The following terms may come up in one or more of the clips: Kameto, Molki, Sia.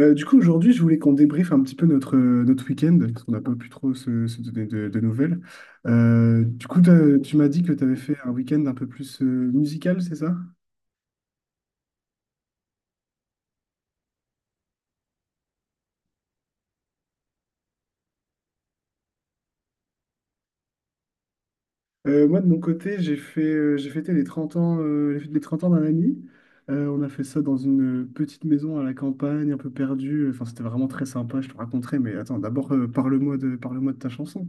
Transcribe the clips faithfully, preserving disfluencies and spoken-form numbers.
Euh, du coup, aujourd'hui, je voulais qu'on débriefe un petit peu notre, euh, notre week-end, parce qu'on n'a pas pu trop se, se donner de, de nouvelles. Euh, du coup, t'as- tu m'as dit que tu avais fait un week-end un peu plus euh, musical, c'est ça? Euh, moi, de mon côté, j'ai fait, euh, j'ai fêté les trente ans, euh, les fêtes des 30 ans d'un ami. Euh, on a fait ça dans une petite maison à la campagne, un peu perdue. Enfin, c'était vraiment très sympa, je te raconterai. Mais attends, d'abord, euh, parle-moi de, parle-moi de ta chanson.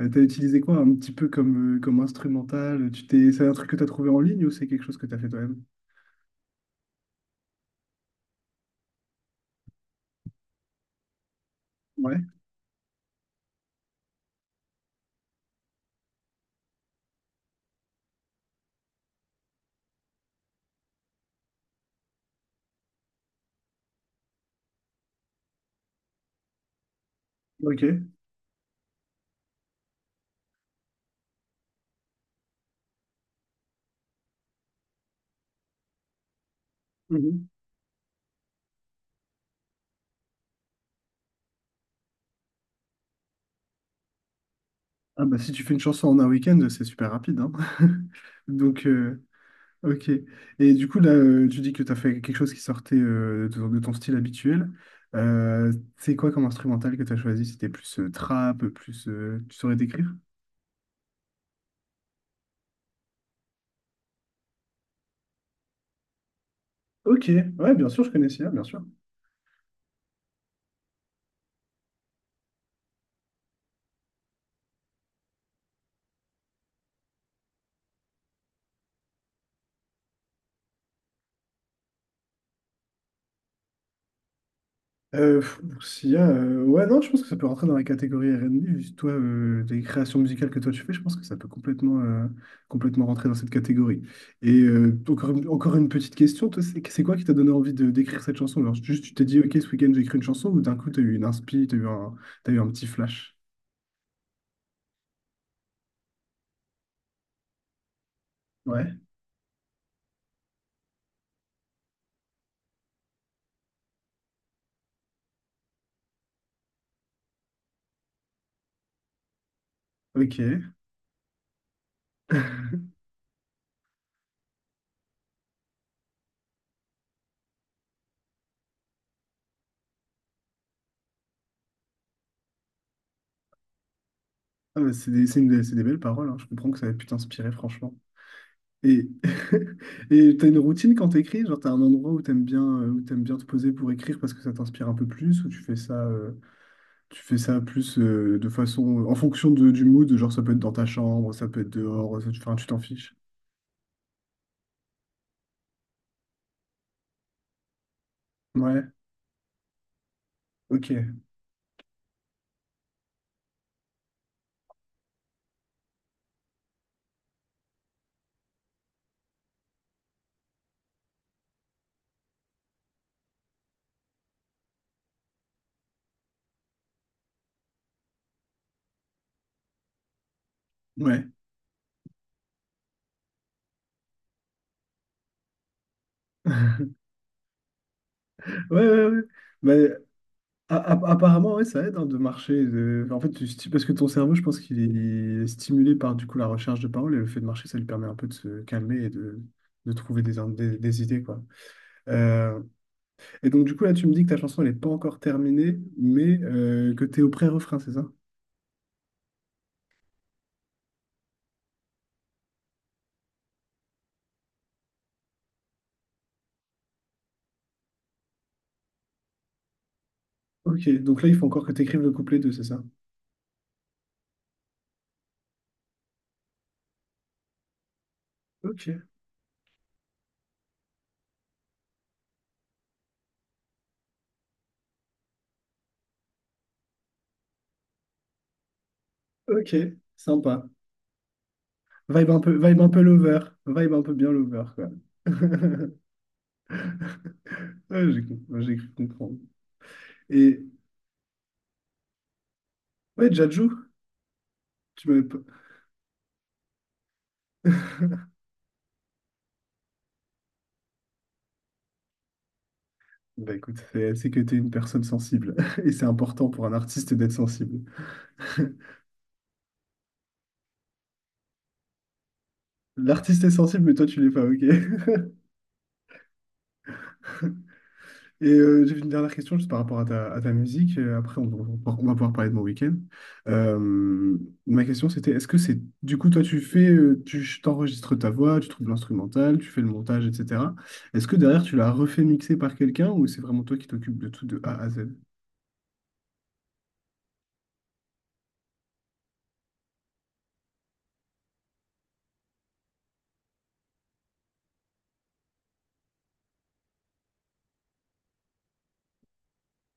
Euh, t'as utilisé quoi un petit peu comme, euh, comme instrumental? Tu t'es, c'est un truc que t'as trouvé en ligne ou c'est quelque chose que t'as fait toi-même? Ok. Mhm. Ah bah si tu fais une chanson en un week-end, c'est super rapide, hein. Donc, euh, ok. Et du coup, là, euh, tu dis que tu as fait quelque chose qui sortait euh, de, ton de ton style habituel. Euh, c'est quoi comme instrumental que tu as choisi? C'était plus euh, trap, plus euh, tu saurais décrire? Ok, ouais, bien sûr, je connais Sia, bien sûr. Euh, pff, s'il y a, euh, ouais, non, je pense que ça peut rentrer dans la catégorie R R&B. Juste toi, euh, les créations musicales que toi tu fais, je pense que ça peut complètement, euh, complètement rentrer dans cette catégorie. Et euh, encore, une- encore une petite question, toi, c'est c'est quoi qui t'a donné envie de d'écrire cette chanson? Alors, juste, tu t'es dit, ok, ce week-end, j'écris une chanson, ou d'un coup, t'as eu une inspi, t'as eu un, t'as eu un petit flash. Ouais, ok. Ah, bah, c'est des, c'est une- c'est des belles paroles, hein. Je comprends que ça ait pu t'inspirer, franchement. Et et t'as une routine quand t'écris? Genre t'as un endroit où t'aimes bien euh, où t'aimes bien te poser pour écrire parce que ça t'inspire un peu plus ou tu fais ça euh, tu fais ça plus euh, de façon euh, en fonction de- du mood, genre ça peut être dans ta chambre, ça peut être dehors, ça- tu- enfin tu t'en fiches. Ouais, ok, ouais. Ouais, ouais, ouais. Mais, a- a- apparemment, ouais, ça aide hein, de marcher. de- En fait, tu sti- parce que ton cerveau, je pense qu'il est stimulé par du coup la recherche de paroles et le fait de marcher, ça lui permet un peu de se calmer et de, de trouver des, in- des, des idées, quoi. Euh, Et donc, du coup, là, tu me dis que ta chanson, elle n'est pas encore terminée, mais euh, que tu es au pré-refrain, c'est ça? Ok, donc là, il faut encore que tu écrives le couplet deux, c'est ça? Ok, ok, sympa. Vibe un peu, vibe un peu lover, vibe un peu bien lover, quoi. Ouais, j'ai com- ouais, j'ai cru comprendre. Et ouais, Jadju, tu m'avais pas... Bah écoute, c'est c'est que t'es une personne sensible. Et c'est important pour un artiste d'être sensible. L'artiste est sensible, mais toi, tu l'es pas, ok? Et euh, j'ai une dernière question juste par rapport à ta, à ta musique. Euh, Après, on, on- on va pouvoir parler de mon week-end. Euh, Ma question, c'était, est-ce que c'est... Du coup, toi, tu fais... euh, tu t'enregistres ta voix, tu trouves l'instrumental, tu fais le montage, et cetera. Est-ce que derrière, tu l'as refait mixer par quelqu'un ou c'est vraiment toi qui t'occupes de tout de A à Z?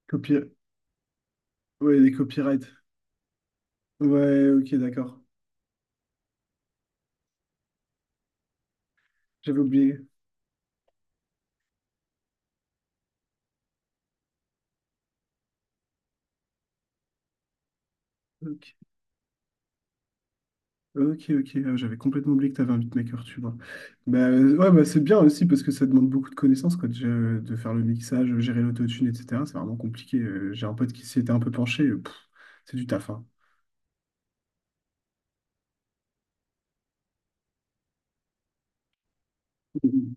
Copy... Ouais, les copyrights. Ouais, ok, d'accord. J'avais oublié. Ok. Ok, ok, ah, j'avais complètement oublié que tu avais un beatmaker, tu vois. Bah, euh, ouais, bah, c'est bien aussi parce que ça demande beaucoup de connaissances, quoi, déjà, euh, de faire le mixage, gérer l'autotune, et cetera. C'est vraiment compliqué. Euh, J'ai un pote qui s'y était un peu penché, euh, pff, c'est du taf, hein. Mhm.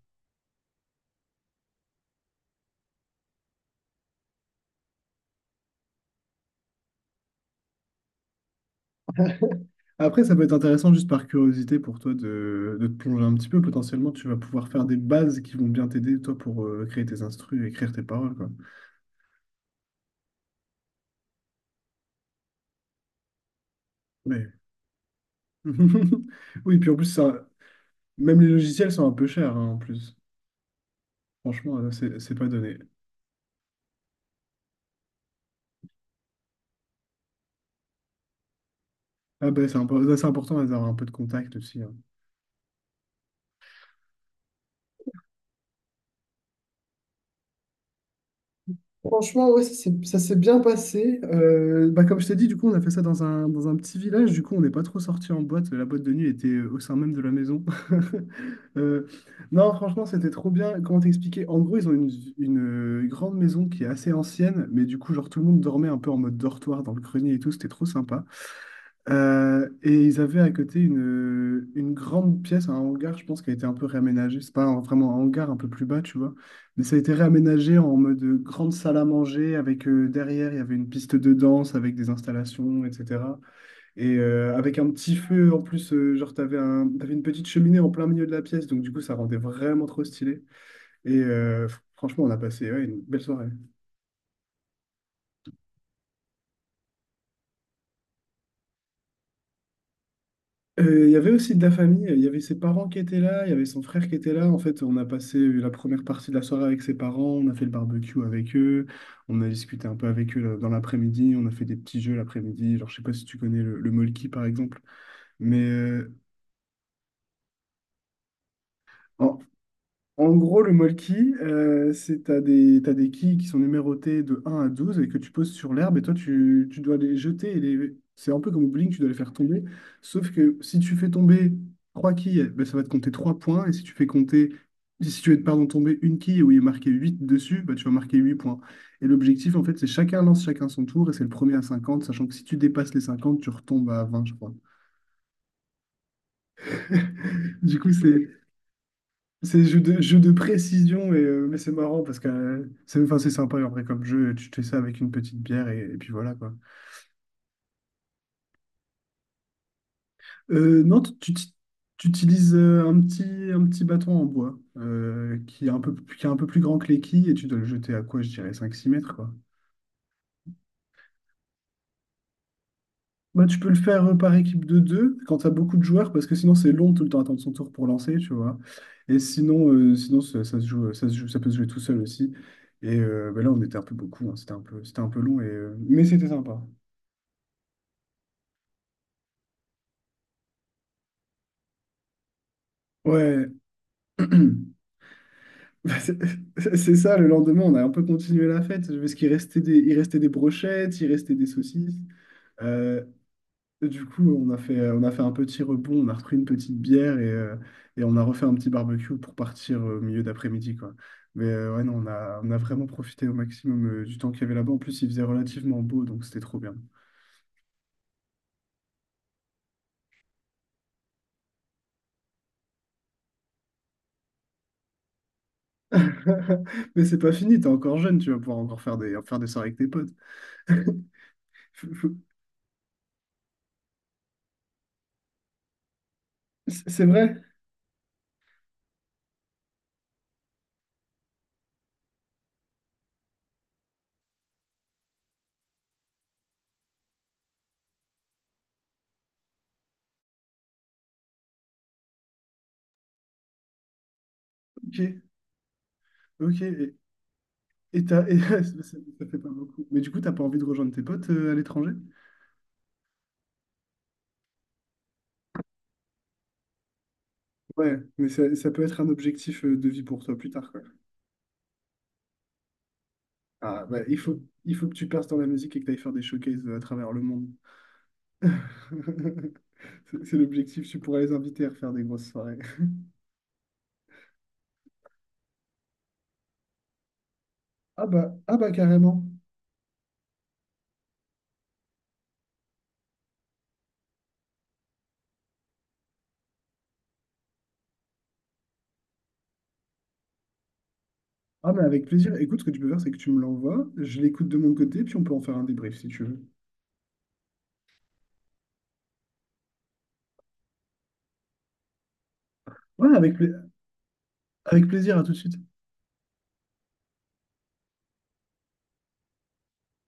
Après, ça peut être intéressant juste par curiosité pour toi de, de te plonger un petit peu. Potentiellement, tu vas pouvoir faire des bases qui vont bien t'aider, toi, pour euh, créer tes instrus et écrire tes paroles, quoi. Mais... Oui, puis en plus, ça, même les logiciels sont un peu chers, hein, en plus. Franchement, euh, c'est c'est pas donné. Ah ben, c'est impo- c'est important d'avoir un peu de contact aussi, hein. Franchement, ouais, ça s'est ça s'est bien passé. Euh, bah, comme je t'ai dit, du coup, on a fait ça dans un, dans un petit village. Du coup, on n'est pas trop sorti en boîte. La boîte de nuit était euh, au sein même de la maison. Euh, non, franchement, c'était trop bien. Comment t'expliquer? En gros, ils ont une, une, euh, grande maison qui est assez ancienne, mais du coup, genre, tout le monde dormait un peu en mode dortoir dans le grenier et tout. C'était trop sympa. Euh, et ils avaient à côté une, une grande pièce, un hangar, je pense, qui a été un peu réaménagé. C'est pas un- vraiment un hangar un peu plus bas, tu vois. Mais ça a été réaménagé en mode grande salle à manger, avec euh, derrière, il y avait une piste de danse avec des installations, et cetera. Et euh, avec un petit feu en plus, euh, genre, t'avais un, t'avais une petite cheminée en plein milieu de la pièce, donc du coup, ça rendait vraiment trop stylé. Et euh, fr- franchement, on a passé, ouais, une belle soirée. Euh, Il y avait aussi de la famille, il y avait ses parents qui étaient là, il y avait son frère qui était là. En fait, on a passé la première partie de la soirée avec ses parents, on a fait le barbecue avec eux, on a discuté un peu avec eux là, dans l'après-midi, on a fait des petits jeux l'après-midi. Genre, je sais pas si tu connais le, le Molki par exemple, mais euh, en, en gros, le molki, euh, c'est t'as des, t'as des quilles qui sont numérotées de un à douze et que tu poses sur l'herbe et toi, tu, tu dois les jeter. et les... C'est un peu comme au bowling, tu dois les faire tomber. Sauf que si tu fais tomber trois quilles, ben, ça va te compter trois points. Et si tu fais compter, si tu fais, pardon, tomber une quille où il est marqué huit dessus, ben, tu vas marquer huit points. Et l'objectif, en fait, c'est chacun lance chacun son tour et c'est le premier à cinquante. Sachant que si tu dépasses les cinquante, tu retombes à vingt, je crois. Du coup, c'est C'est jeu de, jeu de précision, et, euh, mais c'est marrant parce que euh, c'est enfin, c'est sympa après comme jeu, tu te fais ça avec une petite bière et, et puis voilà quoi. Euh, non, tu, tu ti- tu utilises euh, un petit, un petit bâton en bois euh, qui est un peu, qui est un peu plus grand que les quilles et tu dois le jeter à quoi, je dirais cinq six mètres quoi. Bah, tu peux le faire euh, par équipe de deux quand tu as beaucoup de joueurs parce que sinon c'est long de tout le temps attendre son tour pour lancer, tu vois. Et sinon, euh, sinon ça, ça se joue, ça se joue, ça peut se jouer tout seul aussi. Et euh, bah, là on était un peu beaucoup, hein, c'était un peu, c'était un peu long, et, euh, mais c'était sympa. Ouais. Bah, c'est c'est ça, le lendemain, on a un peu continué la fête, parce qu'il restait des, il restait des brochettes, il restait des saucisses. Euh, du coup, on a fait, on a fait un petit rebond, on a repris une petite bière et, euh, et on a refait un petit barbecue pour partir au milieu d'après-midi, quoi. Mais euh, ouais, non, on a, on a vraiment profité au maximum euh, du temps qu'il y avait là-bas. En plus, il faisait relativement beau, donc c'était trop bien. Mais c'est pas fini, t'es encore jeune, tu vas pouvoir encore faire des, faire des soirées avec tes potes. Faut- faut- C'est c'est vrai? Ok, ok. Et t'as, et- ça, ça fait pas beaucoup. Mais du coup, t'as pas envie de rejoindre tes potes euh, à l'étranger? Ouais, mais ça, ça peut être un objectif euh, de vie pour toi plus tard, quoi. Ah, bah, il faut, il faut que tu perces dans la musique et que tu ailles faire des showcases euh, à travers le monde. C'est c'est l'objectif, tu pourras les inviter à faire des grosses soirées. Ah bah, ah bah carrément. Ah mais avec plaisir. Écoute, ce que tu peux faire, c'est que tu me l'envoies, je l'écoute de mon côté, puis on peut en faire un débrief si tu veux. Ouais, avec, pla- avec plaisir, à tout de suite.